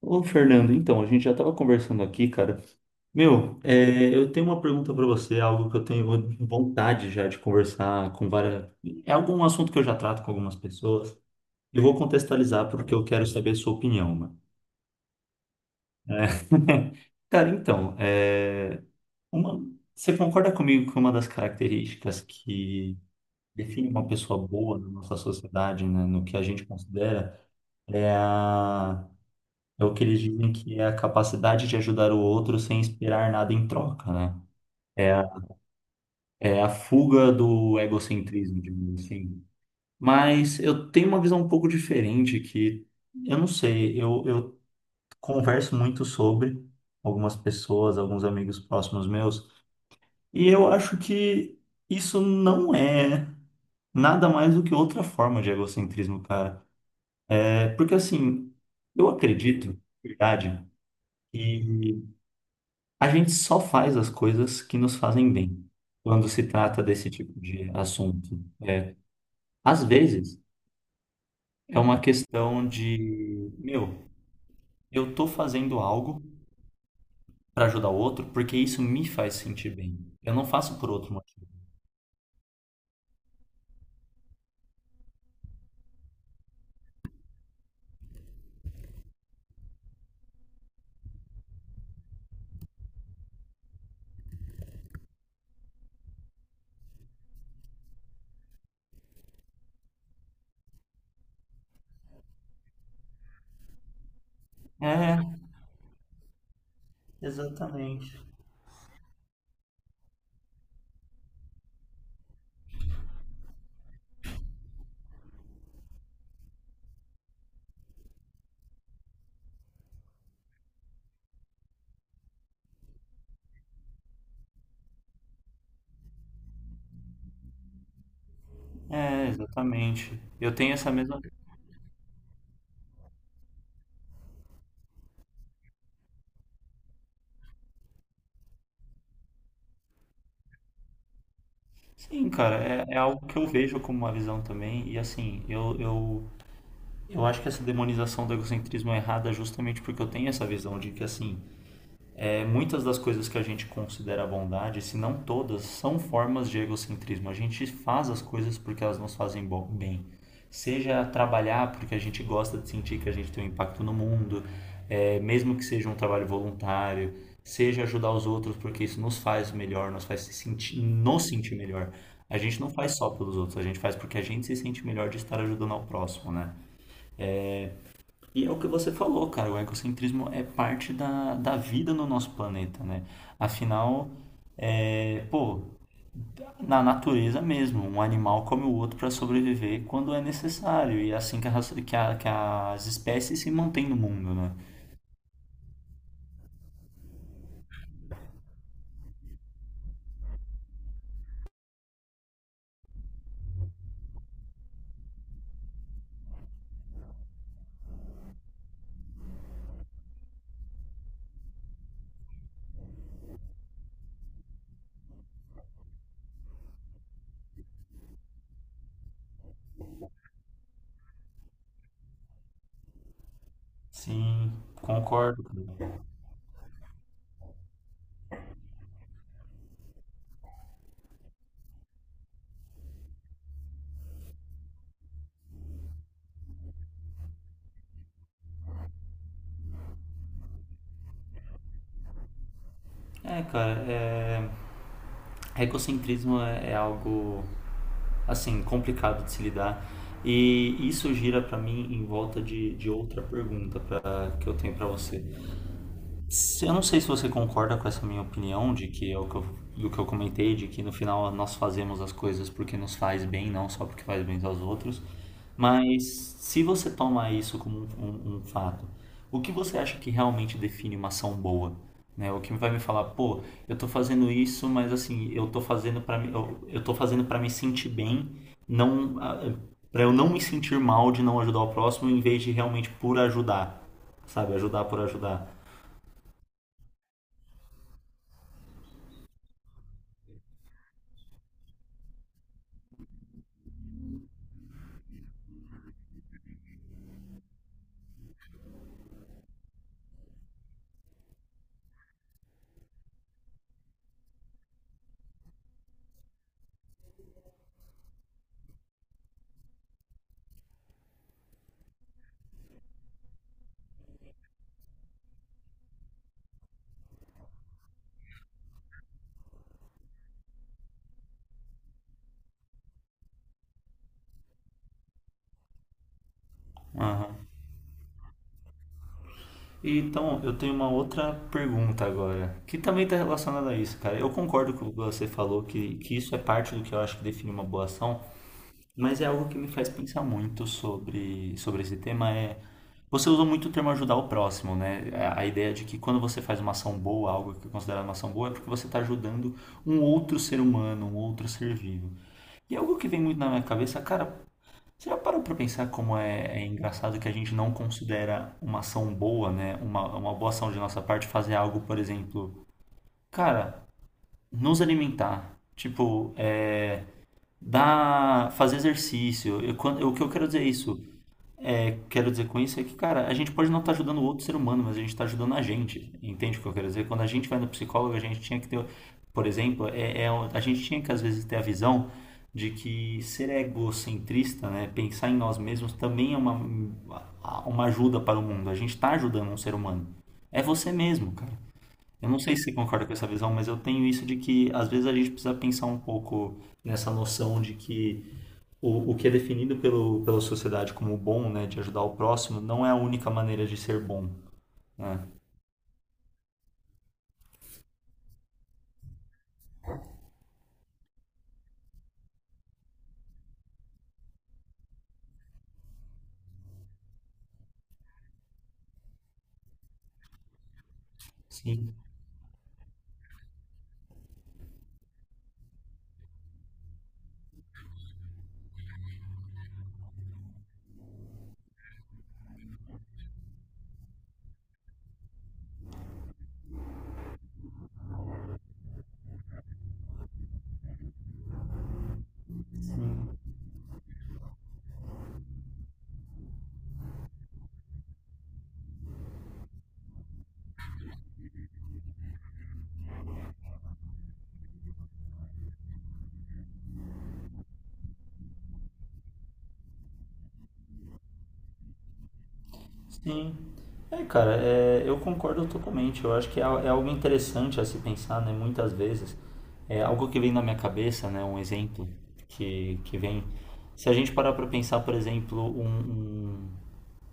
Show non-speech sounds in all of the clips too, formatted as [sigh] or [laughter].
Ô, Fernando, então, a gente já estava conversando aqui, cara. Meu, eu tenho uma pergunta para você, algo que eu tenho vontade já de conversar com várias. É algum assunto que eu já trato com algumas pessoas. Eu vou contextualizar porque eu quero saber a sua opinião, mano. É. [laughs] Cara, então, uma- você concorda comigo que uma das características que define uma pessoa boa na nossa sociedade, né, no que a gente considera, é a é o que eles dizem que é a capacidade de ajudar o outro sem esperar nada em troca, né? É a, é a fuga do egocentrismo, digamos assim. Mas eu tenho uma visão um pouco diferente que eu não sei, eu converso muito sobre algumas pessoas, alguns amigos próximos meus, e eu acho que isso não é nada mais do que outra forma de egocentrismo, cara. É porque assim, eu acredito, de verdade, a gente só faz as coisas que nos fazem bem quando se trata desse tipo de assunto. Às vezes é uma questão de, meu, eu tô fazendo algo para ajudar o outro porque isso me faz sentir bem. Eu não faço por outro motivo. É, exatamente. É, exatamente. Eu tenho essa mesma. Sim, cara, é, é algo que eu vejo como uma visão também. E assim, eu acho que essa demonização do egocentrismo é errada justamente porque eu tenho essa visão de que assim. É, muitas das coisas que a gente considera bondade, se não todas, são formas de egocentrismo. A gente faz as coisas porque elas nos fazem bem. Seja trabalhar porque a gente gosta de sentir que a gente tem um impacto no mundo, mesmo que seja um trabalho voluntário, seja ajudar os outros porque isso nos faz melhor, nos sentir melhor. A gente não faz só pelos outros, a gente faz porque a gente se sente melhor de estar ajudando ao próximo, né? E é o que você falou, cara, o egocentrismo é parte da vida no nosso planeta, né? Afinal, é, pô, na natureza mesmo, um animal come o outro para sobreviver quando é necessário, e é assim que, a raça- que a- que as espécies se mantêm no mundo, né? Sim, concordo, cara. É, cara, é, egocentrismo é algo, assim, complicado de se lidar, e isso gira para mim em volta de outra pergunta pra, que eu tenho para você. Eu não sei se você concorda com essa minha opinião de que é o que eu, do que eu comentei, de que no final nós fazemos as coisas porque nos faz bem, não só porque faz bem aos outros. Mas se você toma isso como um fato, o que você acha que realmente define uma ação boa? Né? O que vai me falar, pô, eu tô fazendo isso, mas assim, eu tô fazendo para me sentir bem, não para eu não me sentir mal de não ajudar o próximo, em vez de realmente por ajudar, sabe? Ajudar por ajudar. E então, eu tenho uma outra pergunta agora, que também está relacionada a isso, cara. Eu concordo com o que você falou, que isso é parte do que eu acho que define uma boa ação, mas é algo que me faz pensar muito sobre, sobre esse tema, é... Você usou muito o termo ajudar o próximo, né? A ideia de que quando você faz uma ação boa, algo que é considerado uma ação boa, é porque você está ajudando um outro ser humano, um outro ser vivo. E é algo que vem muito na minha cabeça, cara, você já parou para pensar como é engraçado que a gente não considera uma ação boa, né? Uma boa ação de nossa parte fazer algo, por exemplo, cara, nos alimentar, tipo, dar, fazer exercício. O que eu quero dizer é isso. É, quero dizer com isso é que, cara, a gente pode não estar ajudando o outro ser humano, mas a gente está ajudando a gente. Entende o que eu quero dizer? Quando a gente vai no psicólogo, a gente tinha que ter, por exemplo, a gente tinha que às vezes ter a visão de que ser egocentrista, né, pensar em nós mesmos também é uma ajuda para o mundo. A gente está ajudando um ser humano. É você mesmo, cara. Eu não sei se você concorda com essa visão, mas eu tenho isso de que às vezes a gente precisa pensar um pouco nessa noção de que o que é definido pelo, pela sociedade como bom, né, de ajudar o próximo, não é a única maneira de ser bom, né? Sim, sim. Eu concordo totalmente. Eu acho que é algo interessante a se pensar, né, muitas vezes. É algo que vem na minha cabeça, né, um exemplo que vem. Se a gente parar para pensar, por exemplo, um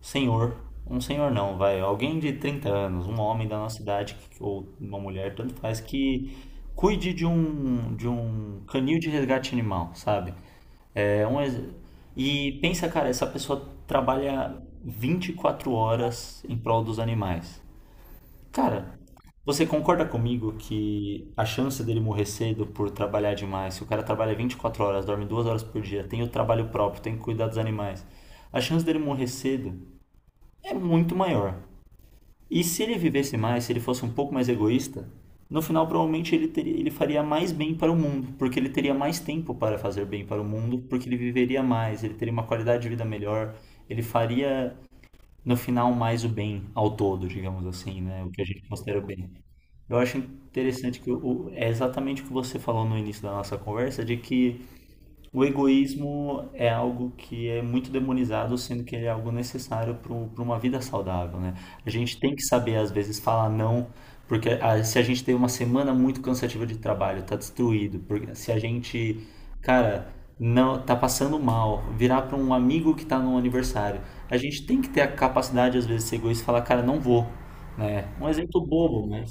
senhor, um senhor não, vai, alguém de 30 anos, um homem da nossa idade ou uma mulher, tanto faz, que cuide de um canil de resgate animal, sabe? É um ex- e pensa, cara, essa pessoa trabalha 24 horas em prol dos animais. Cara, você concorda comigo que a chance dele morrer cedo por trabalhar demais, se o cara trabalha 24 horas, dorme 2 horas por dia, tem o trabalho próprio, tem que cuidar dos animais, a chance dele morrer cedo é muito maior. E se ele vivesse mais, se ele fosse um pouco mais egoísta, no final provavelmente ele faria mais bem para o mundo, porque ele teria mais tempo para fazer bem para o mundo, porque ele viveria mais, ele teria uma qualidade de vida melhor, ele faria no final mais o bem ao todo, digamos assim, né? O que a gente considera o bem. Eu acho interessante que é exatamente o que você falou no início da nossa conversa, de que o egoísmo é algo que é muito demonizado, sendo que ele é algo necessário para uma vida saudável, né? A gente tem que saber, às vezes, falar não, porque ah, se a gente tem uma semana muito cansativa de trabalho, tá destruído, porque se a gente, cara, não tá passando mal, virar para um amigo que tá no aniversário, a gente tem que ter a capacidade, às vezes, de ser egoísta e falar, cara, não vou, né? Um exemplo bobo, mas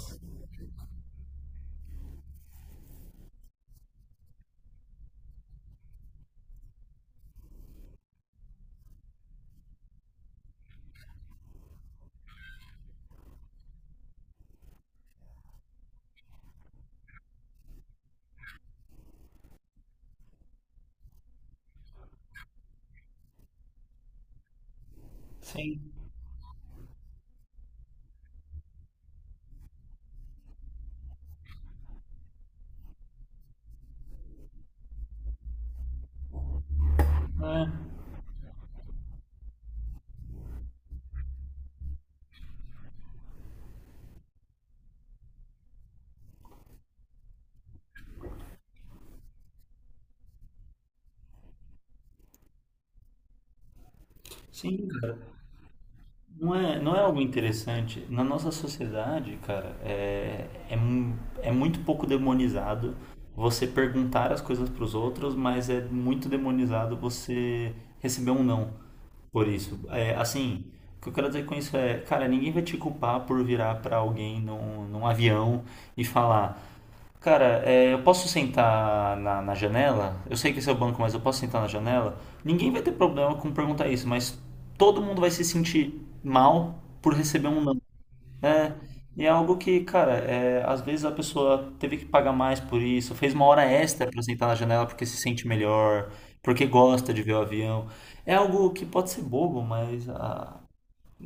sim, né? Sim, cara. Não é, não é algo interessante. Na nossa sociedade, cara, é muito pouco demonizado você perguntar as coisas para os outros, mas é muito demonizado você receber um não por isso. É, assim, o que eu quero dizer com isso é, cara, ninguém vai te culpar por virar para alguém num avião e falar, cara, é, eu posso sentar na janela? Eu sei que esse é o banco, mas eu posso sentar na janela? Ninguém vai ter problema com perguntar isso, mas todo mundo vai se sentir mal por receber um não. É, e é algo que, cara, é, às vezes a pessoa teve que pagar mais por isso, fez uma hora extra pra sentar na janela porque se sente melhor, porque gosta de ver o avião. É algo que pode ser bobo, mas a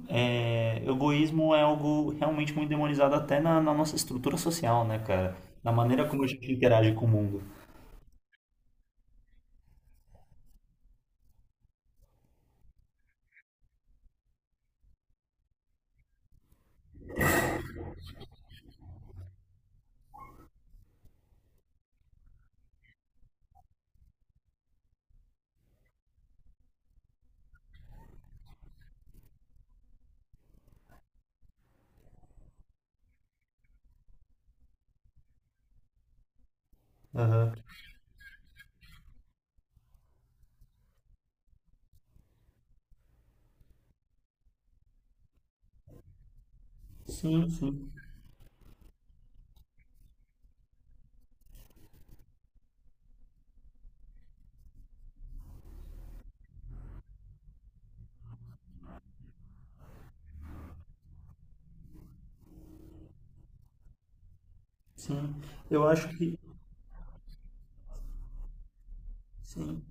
é, egoísmo é algo realmente muito demonizado até na nossa estrutura social, né, cara? Na maneira como a gente interage com o mundo. Aham. Sim, sim, sim. Eu acho que. Sim,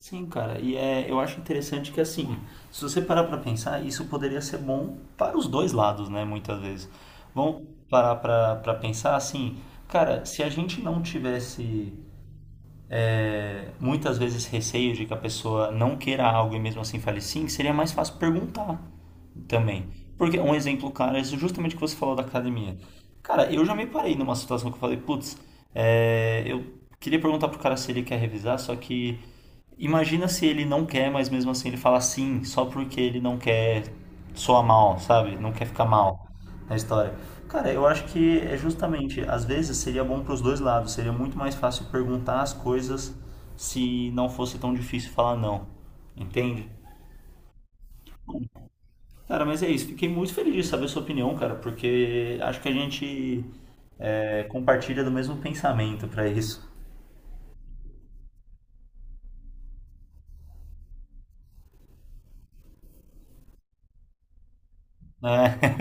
sim, cara. E é, eu acho interessante que, assim, se você parar pra pensar, isso poderia ser bom para os dois lados, né, muitas vezes. Vamos parar pra pensar, assim, cara, se a gente não tivesse muitas vezes receio de que a pessoa não queira algo e mesmo assim fale sim, seria mais fácil perguntar também. Porque um exemplo, cara, é justamente o que você falou da academia. Cara, eu já me parei numa situação que eu falei, putz, eu queria perguntar pro cara se ele quer revisar, só que imagina se ele não quer, mas mesmo assim ele fala sim, só porque ele não quer soar mal, sabe? Não quer ficar mal na história. Cara, eu acho que é justamente, às vezes seria bom para os dois lados, seria muito mais fácil perguntar as coisas se não fosse tão difícil falar não, entende? Cara, mas é isso, fiquei muito feliz de saber a sua opinião, cara, porque acho que a gente compartilha do mesmo pensamento para isso, né?